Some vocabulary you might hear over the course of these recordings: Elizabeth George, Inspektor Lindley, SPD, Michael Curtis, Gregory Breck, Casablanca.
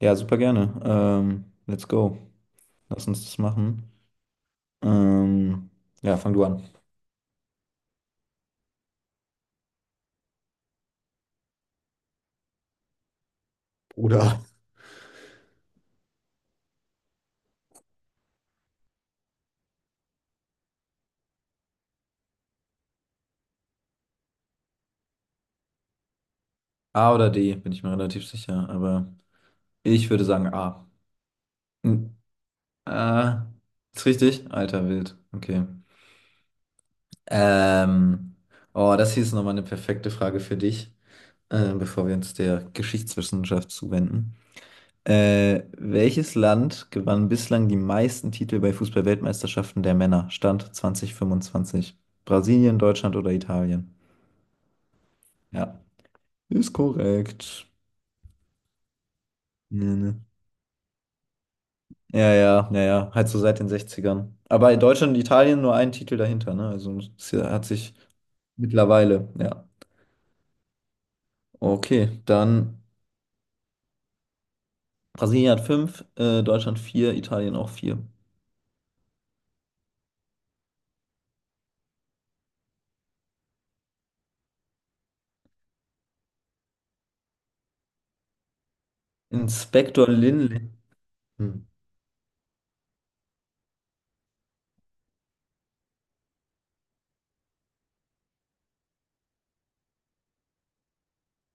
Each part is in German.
Ja, super gerne. Let's go. Lass uns das machen. Ähm, ja, fang du an. Oder A oder D, bin ich mir relativ sicher, aber ich würde sagen A. Hm, äh, ist richtig? Alter, wild. Okay. Ähm, oh, das hier ist nochmal eine perfekte Frage für dich, bevor wir uns der Geschichtswissenschaft zuwenden. Welches Land gewann bislang die meisten Titel bei Fußball-Weltmeisterschaften der Männer? Stand 2025. Brasilien, Deutschland oder Italien? Ja. Ist korrekt. Nee, nee. Ja, ja, ja, ja. Halt so seit den Sechzigern. Aber in Deutschland und Italien nur ein Titel dahinter, ne? Also es hat sich mittlerweile, ja. Okay, dann Brasilien hat fünf, Deutschland vier, Italien auch vier. Inspektor Lindley. Hm.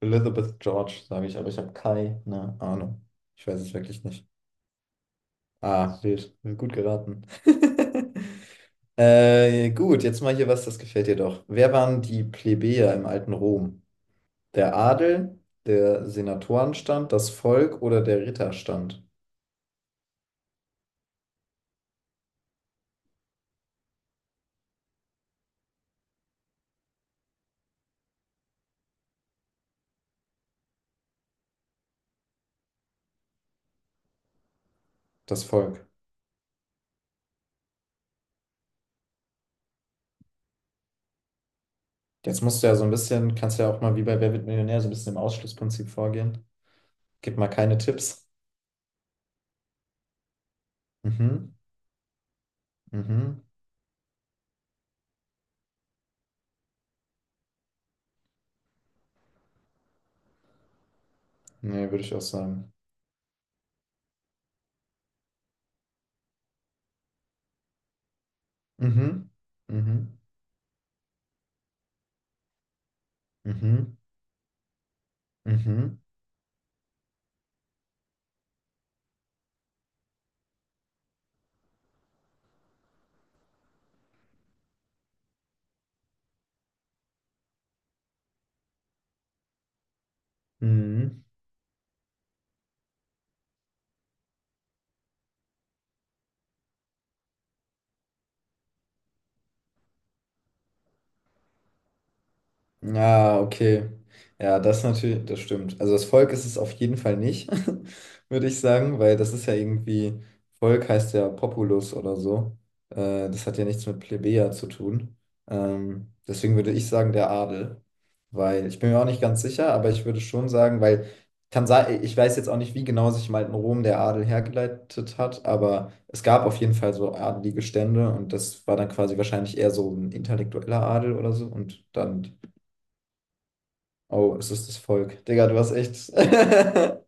Elizabeth George, sage ich, aber ich habe keine Ahnung. Ich weiß es wirklich nicht. Ah, wild. Gut geraten. Gut, jetzt mal hier was, das gefällt dir doch. Wer waren die Plebejer im alten Rom? Der Adel, der Senatorenstand, das Volk oder der Ritterstand? Das Volk. Jetzt musst du ja so ein bisschen, kannst ja auch mal wie bei Wer wird Millionär so ein bisschen im Ausschlussprinzip vorgehen. Gib mal keine Tipps. Mhm, mhm. Nee, würde ich auch sagen. Mhm, mhm, mhm, mhm. Mhm. Ja, okay. Ja, das natürlich, das stimmt. Also das Volk ist es auf jeden Fall nicht, würde ich sagen, weil das ist ja irgendwie, Volk heißt ja Populus oder so. Das hat ja nichts mit Plebejer zu tun. Deswegen würde ich sagen, der Adel. Weil ich bin mir auch nicht ganz sicher, aber ich würde schon sagen, weil kann sein, ich weiß jetzt auch nicht, wie genau sich im alten Rom der Adel hergeleitet hat, aber es gab auf jeden Fall so adelige Stände und das war dann quasi wahrscheinlich eher so ein intellektueller Adel oder so und dann oh, es ist das Volk. Digga, du hast echt.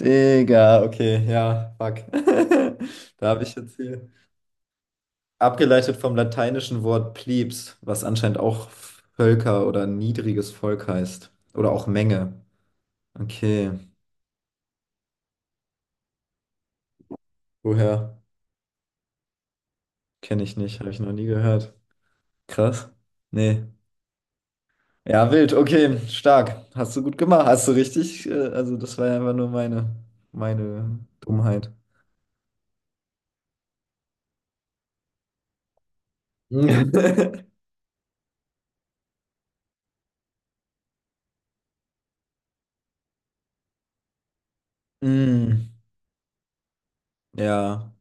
Digga, okay, ja, fuck. Da habe ich jetzt hier. Abgeleitet vom lateinischen Wort plebs, was anscheinend auch Völker oder niedriges Volk heißt. Oder auch Menge. Okay. Woher? Kenne ich nicht, habe ich noch nie gehört. Krass. Nee. Ja, wild, okay, stark. Hast du gut gemacht. Hast du richtig? Also, das war ja einfach nur meine, meine Dummheit. Mm, ja.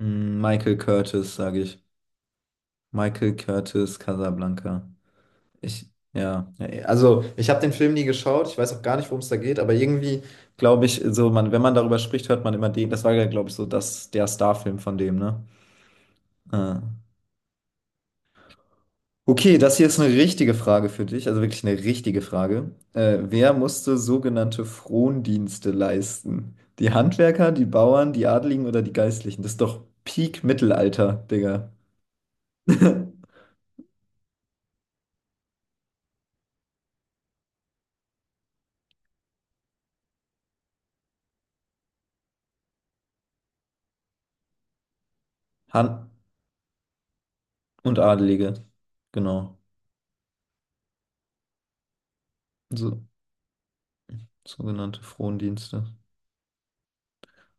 Mm, Michael Curtis, sage ich. Michael Curtis, Casablanca. Ja, ja, also ich habe den Film nie geschaut, ich weiß auch gar nicht, worum es da geht, aber irgendwie glaube ich, so man, wenn man darüber spricht, hört man immer den. Das war ja, glaube ich, so das, der Starfilm von dem, ne? Äh. Okay, das hier ist eine richtige Frage für dich, also wirklich eine richtige Frage. Wer musste sogenannte Frondienste leisten? Die Handwerker, die Bauern, die Adligen oder die Geistlichen? Das ist doch Peak-Mittelalter, Digga. Han Und Adelige, genau. So, sogenannte Frondienste.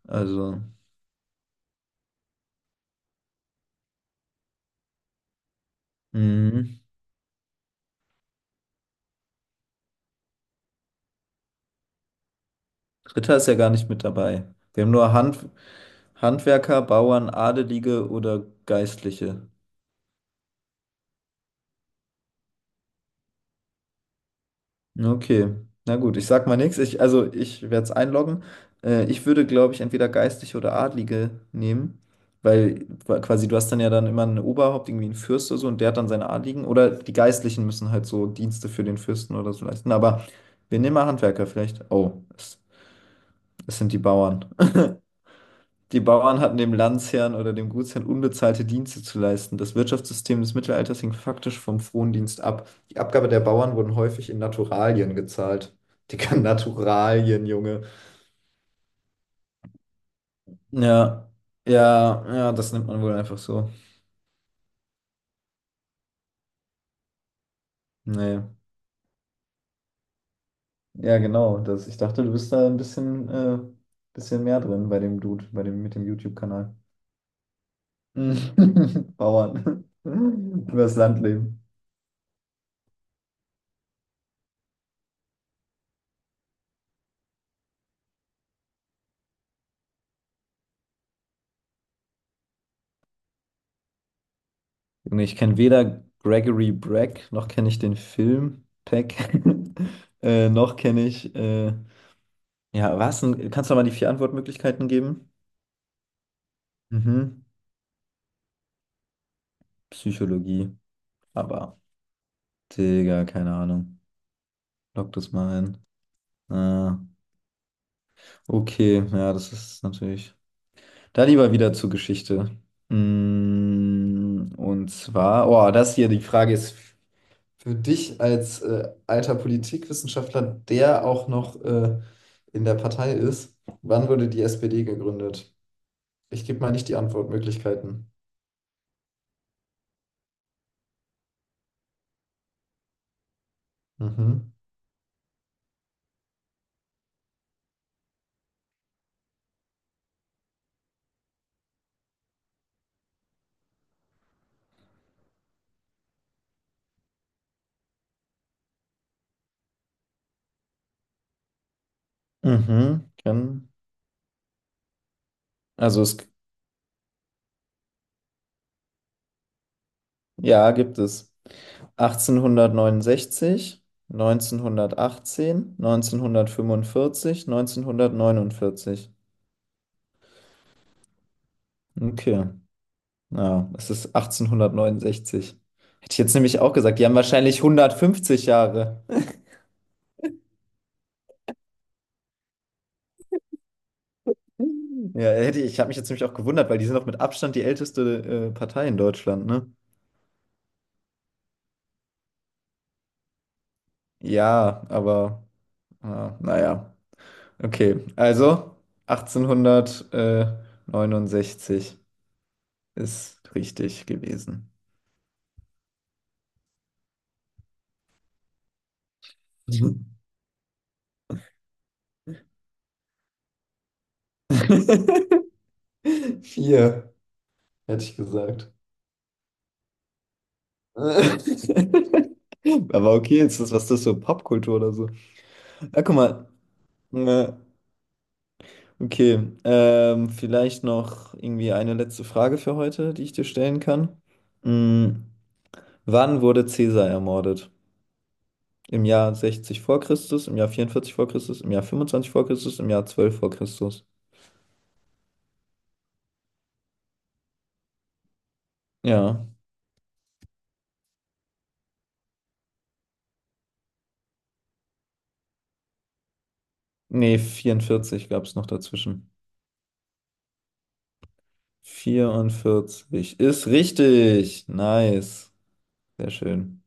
Also, mhm. Ritter ist ja gar nicht mit dabei. Wir haben nur Handwerker, Bauern, Adelige oder Geistliche. Okay, na gut, ich sag mal nichts. Ich, also ich werde es einloggen. Ich würde, glaube ich, entweder geistliche oder Adlige nehmen, weil quasi du hast dann ja dann immer ein Oberhaupt, irgendwie einen Fürst oder so, und der hat dann seine Adligen. Oder die Geistlichen müssen halt so Dienste für den Fürsten oder so leisten. Aber wir nehmen mal Handwerker vielleicht. Es sind die Bauern. Die Bauern hatten dem Landesherrn oder dem Gutsherrn unbezahlte Dienste zu leisten. Das Wirtschaftssystem des Mittelalters hing faktisch vom Frondienst ab. Die Abgabe der Bauern wurden häufig in Naturalien gezahlt. Digga, Naturalien, Junge. Ja, ja, ja, das nimmt man wohl einfach so. Nee. Ja, genau. Das, ich dachte, du bist da ein bisschen, bisschen mehr drin bei dem Dude, bei dem mit dem YouTube-Kanal. Bauern. Übers Landleben. Junge, ich kenne weder Gregory Breck, noch kenne ich den Film Peck, noch kenne ich. Ja, was? Denn? Kannst du noch mal die vier Antwortmöglichkeiten geben? Mhm. Psychologie. Aber, Digga, keine Ahnung. Lock das mal ein. Ah, okay, ja, das ist natürlich. Da lieber wieder zur Geschichte. Mm, und zwar, oh, das hier, die Frage ist. Für dich als alter Politikwissenschaftler, der auch noch in der Partei ist, wann wurde die SPD gegründet? Ich gebe mal nicht die Antwortmöglichkeiten. Mhm. Mhm, kann. Also es, ja, gibt es. 1869, 1918, 1945, 1949. Okay. Ja, es ist 1869. Hätte ich jetzt nämlich auch gesagt, die haben wahrscheinlich 150 Jahre. Ja, hätte ich, ich habe mich jetzt nämlich auch gewundert, weil die sind doch mit Abstand die älteste Partei in Deutschland, ne? Ja, aber äh, naja. Okay, also 1869 ist richtig gewesen. Mhm. Vier, hätte ich gesagt. Aber okay, ist das, was ist das so Popkultur oder so? Ah, guck mal. Äh, Okay, vielleicht noch irgendwie eine letzte Frage für heute, die ich dir stellen kann. Mm, wann wurde Caesar ermordet? Im Jahr 60 vor Christus, im Jahr 44 vor Christus, im Jahr 25 vor Christus, im Jahr 12 vor Christus. Ja, nee, 44 gab es noch dazwischen. 44 ist richtig. Nice. Sehr schön.